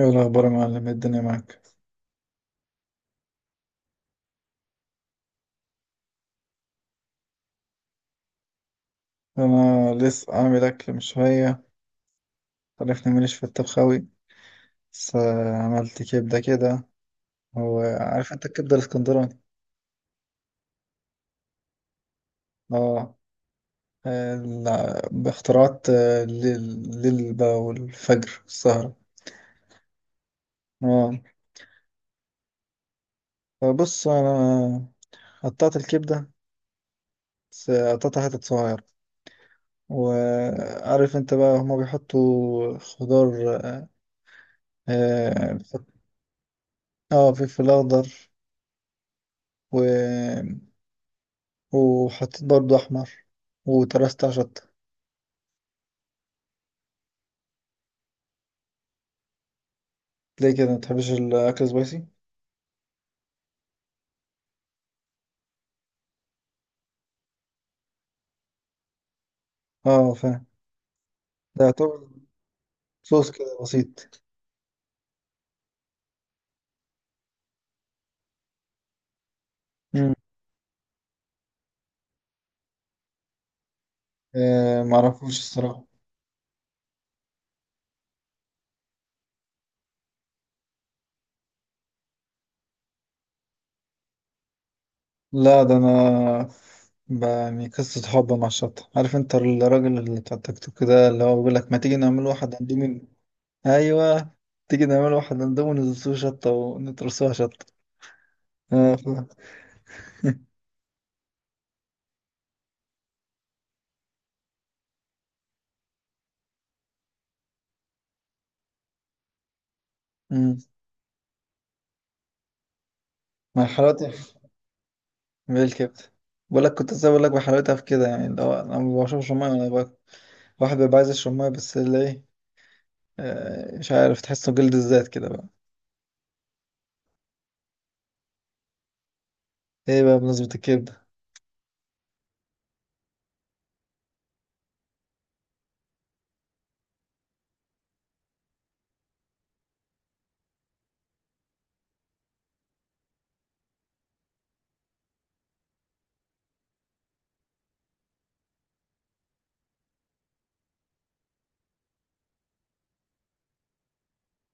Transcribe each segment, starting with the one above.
ايه الاخبار يا معلم؟ إيه الدنيا معاك؟ انا لسه عامل اكل من شويه. عرفني ماليش في الطبخ اوي. بس عملت كبده كده. هو عارف انت الكبده الاسكندراني. اه. باختراعات، الليل الليل بقى والفجر والسهره. اه، فبص انا قطعت الكبده، بس قطعتها حتت صغيره. وعارف انت بقى هما بيحطوا خضار. اه، فلفل اخضر، وحطيت برضو أحمر، وترست على شطة. ليه كده متحبش الأكل سبايسي؟ اه فاهم. ده يعتبر صوص كده بسيط. مم. آه معرفوش الصراحة. لا ده أنا، يعني قصة حب مع الشطة، عارف انت الراجل اللي بتاع التيك توك ده اللي هو بيقول لك ما تيجي نعمل واحد اندومي. ايوه، تيجي نعمل واحد اندومي ونزلسوه شطة ونترسوها شطة. اه فاهم. مم. مع حلاوتها. بالكبدة. بقول لك كنت لسه بقول لك بحلاوتها في كده يعني اللي هو انا ما بشربش ميه. واحد بيبقى عايز يشرب ميه بس اللي ايه، مش عارف، تحسه جلد الذات كده بقى. ايه بقى بمناسبة الكبدة.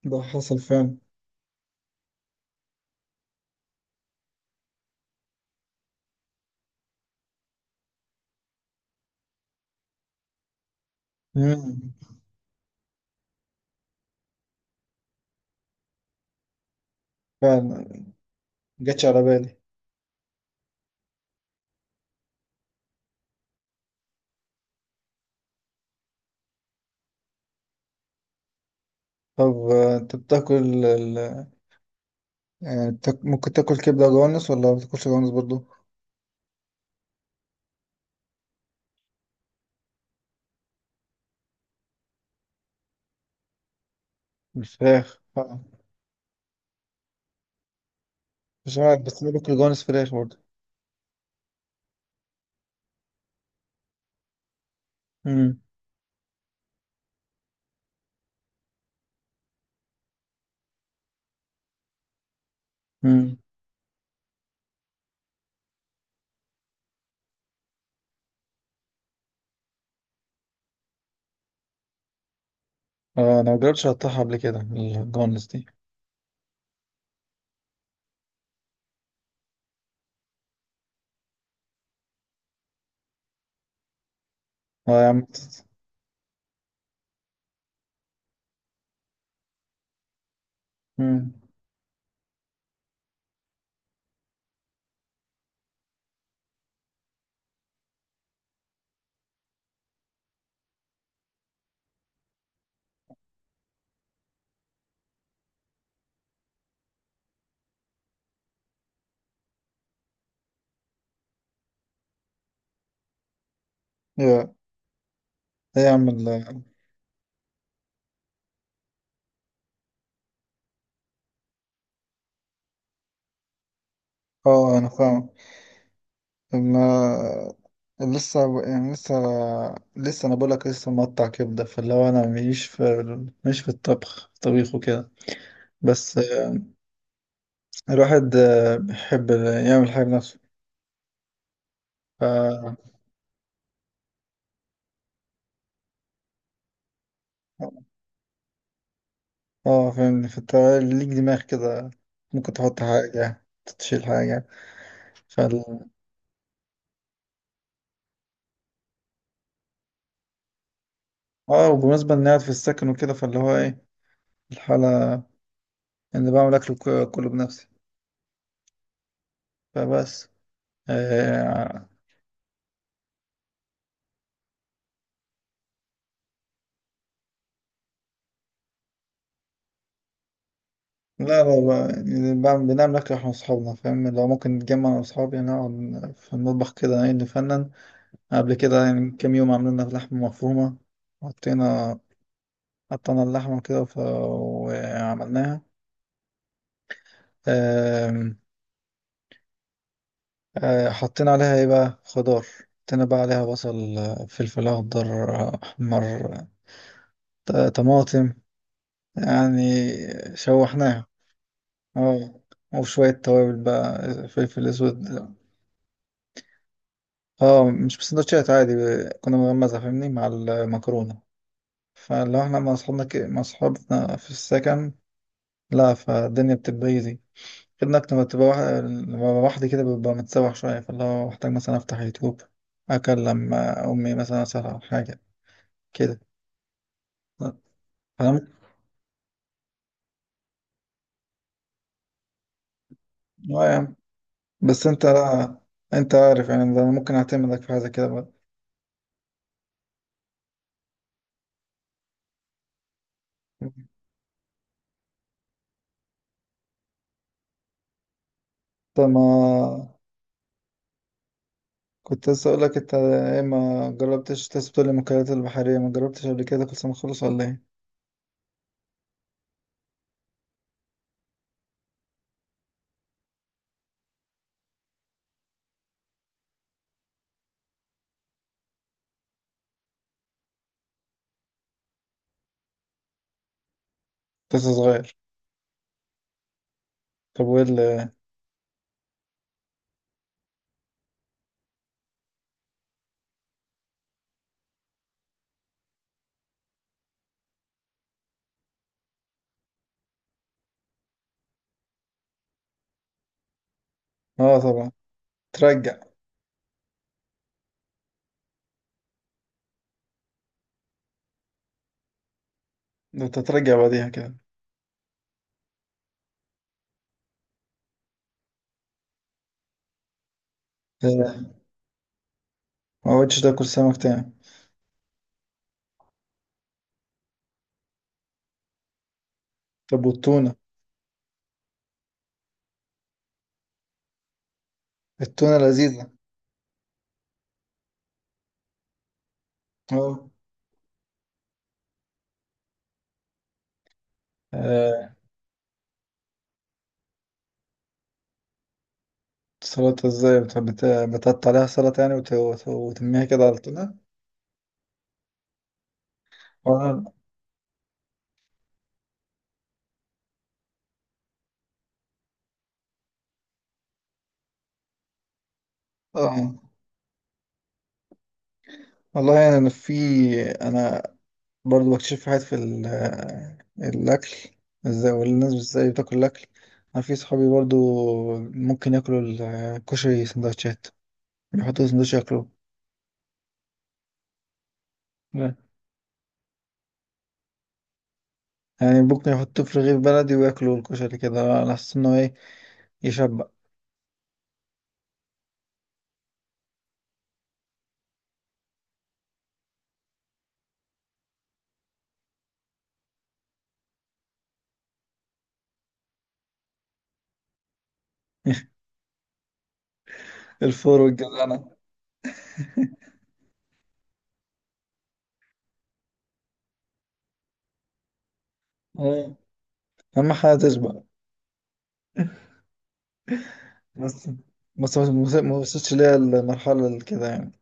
ده حصل فعلا. مم. فعلا. جاتش على بالي. طب انت بتاكل ال... ممكن تاكل كبدة جوانس ولا ما بتاكلش جوانس برضو؟ الفراخ آه. مش عارف، بس انا باكل جوانس فراخ برضو. مم. مم. آه انا مجربتش اقطعها قبل كده الجوانس دي. اه يا عم. مم. يا ايه يا عم اه انا فاهم. ما لسه يعني لسه لسه انا بقولك لسه مقطع كبده، فاللي هو انا مش في الطبخ طبيخ وكده. بس الواحد بيحب يعمل حاجه بنفسه. ف اه فاهمني، فانت ليك دماغ كده، ممكن تحط حاجه، تشيل حاجه. فال اه، وبالنسبه اني قاعد في السكن وكده، فاللي هو ايه الحاله، اني بعمل اكل كله بنفسي. فبس آه. لا لا بقى، يعني بنعمل أكل إحنا وأصحابنا فاهم، لو ممكن نتجمع أنا وأصحابي يعني نقعد في المطبخ كده يعني نفنن. قبل كده يعني كام يوم عملنا لحمة مفرومة. حطينا، قطعنا اللحمة كده وعملناها. آم، حطينا عليها إيه بقى، خضار. حطينا بقى عليها بصل، فلفل أخضر، أحمر، آه، طماطم يعني. شوحناها. اه، وشوية توابل بقى، فلفل أسود. اه، مش بسندوتشات عادي، كنا بنغمسها فاهمني مع المكرونة. فلو احنا مع اصحابنا في السكن، لا فالدنيا بتبقى ايزي. غير انك لما لما ببقى لوحدي كده ببقى متسوح شوية، فاللي هو محتاج مثلا افتح يوتيوب، اكلم امي مثلا اسألها على حاجة كده. فاهم؟ اه يعني. بس انت لا، انت عارف يعني، ده انا ممكن اعتمدك في حاجة كده بقى. انت ما كنت لسه اقول لك انت ايه، ما جربتش تسبح المأكولات البحرية، ما جربتش قبل كده كل سنة خالص ولا ايه؟ كنت لسه صغير. طب وايه اللي؟ اه طبعا. ترجع. ده انت ترجع بعديها كده. إيه، ما قعدتش تاكل سمك تاني؟ طب والتونة. التونة لذيذة. اه، آه، سلطة ازاي، بتقطع عليها سلطة يعني، وترميها كده على التونة. وأنا- اه والله يعني انا في، انا برضه بكتشف في حاجات الأكل، ازاي والناس ازاي بتاكل الأكل. أنا في صحابي برضه ممكن ياكلوا الكشري سندوتشات، يحطوا سندوتش ياكلوه. لا. يعني ممكن يحطوه في رغيف بلدي وياكلوا الكشري كده على أساس إنه إيه، يشبع. الفول والجزانة. آه. أهم حاجة تشبع. بس، ما وصلتش ليا المرحلة اللي كده يعني.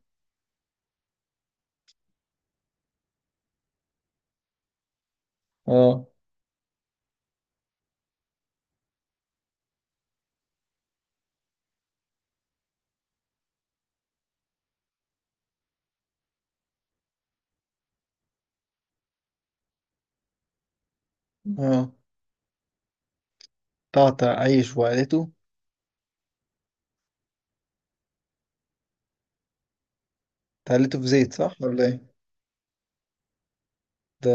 اه. اه، تعطى عيش وعيلته. تعليته في زيت صح ولا ايه؟ ده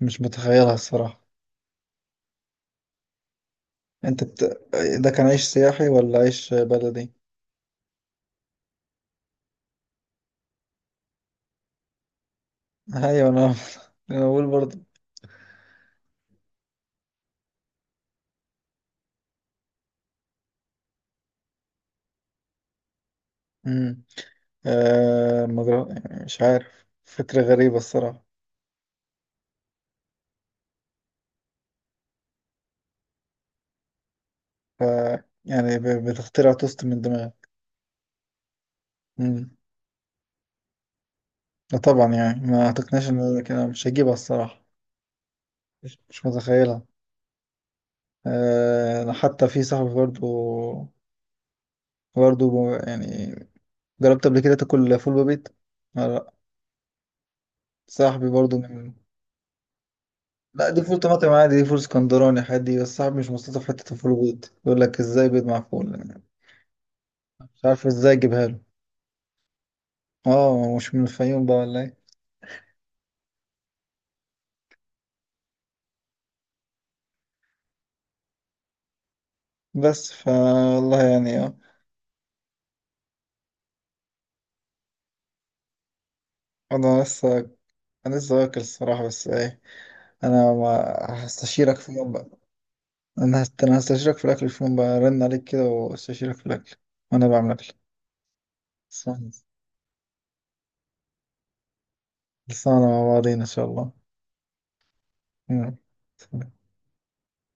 مش متخيلها الصراحة. انت بت... ده كان عيش سياحي ولا عيش بلدي؟ ايوه انا انا بقول برضه. امم. آه مجر... مش عارف، فكرة غريبة الصراحة. ف... يعني ب... بتخترع توست من دماغي. امم. لا طبعا، يعني ما اعتقدناش ان انا مش هجيبها الصراحة. مش مش متخيلها. آه انا حتى في صاحبي برضه، برضه يعني، جربت قبل كده تاكل فول ببيت؟ لا. صاحبي برضه. لا دي فول طماطم عادي، دي فول اسكندراني عادي، بس صاحبي مش مستلطف حتة الفول بيض، يقول لك ازاي بيض مع فول. مش عارف ازاي اجيبها له. اه، مش من الفيوم بقى ولا ايه؟ بس فا والله يعني اه. انا لسه، انا لسه واكل الصراحة، بس ايه، انا ما هستشيرك في يوم بقى. انا هستشيرك في الاكل في يوم بقى، رن عليك كده واستشيرك في الاكل وانا بعمل اكل. لسه لسه مع بعضين ان شاء الله. يلا.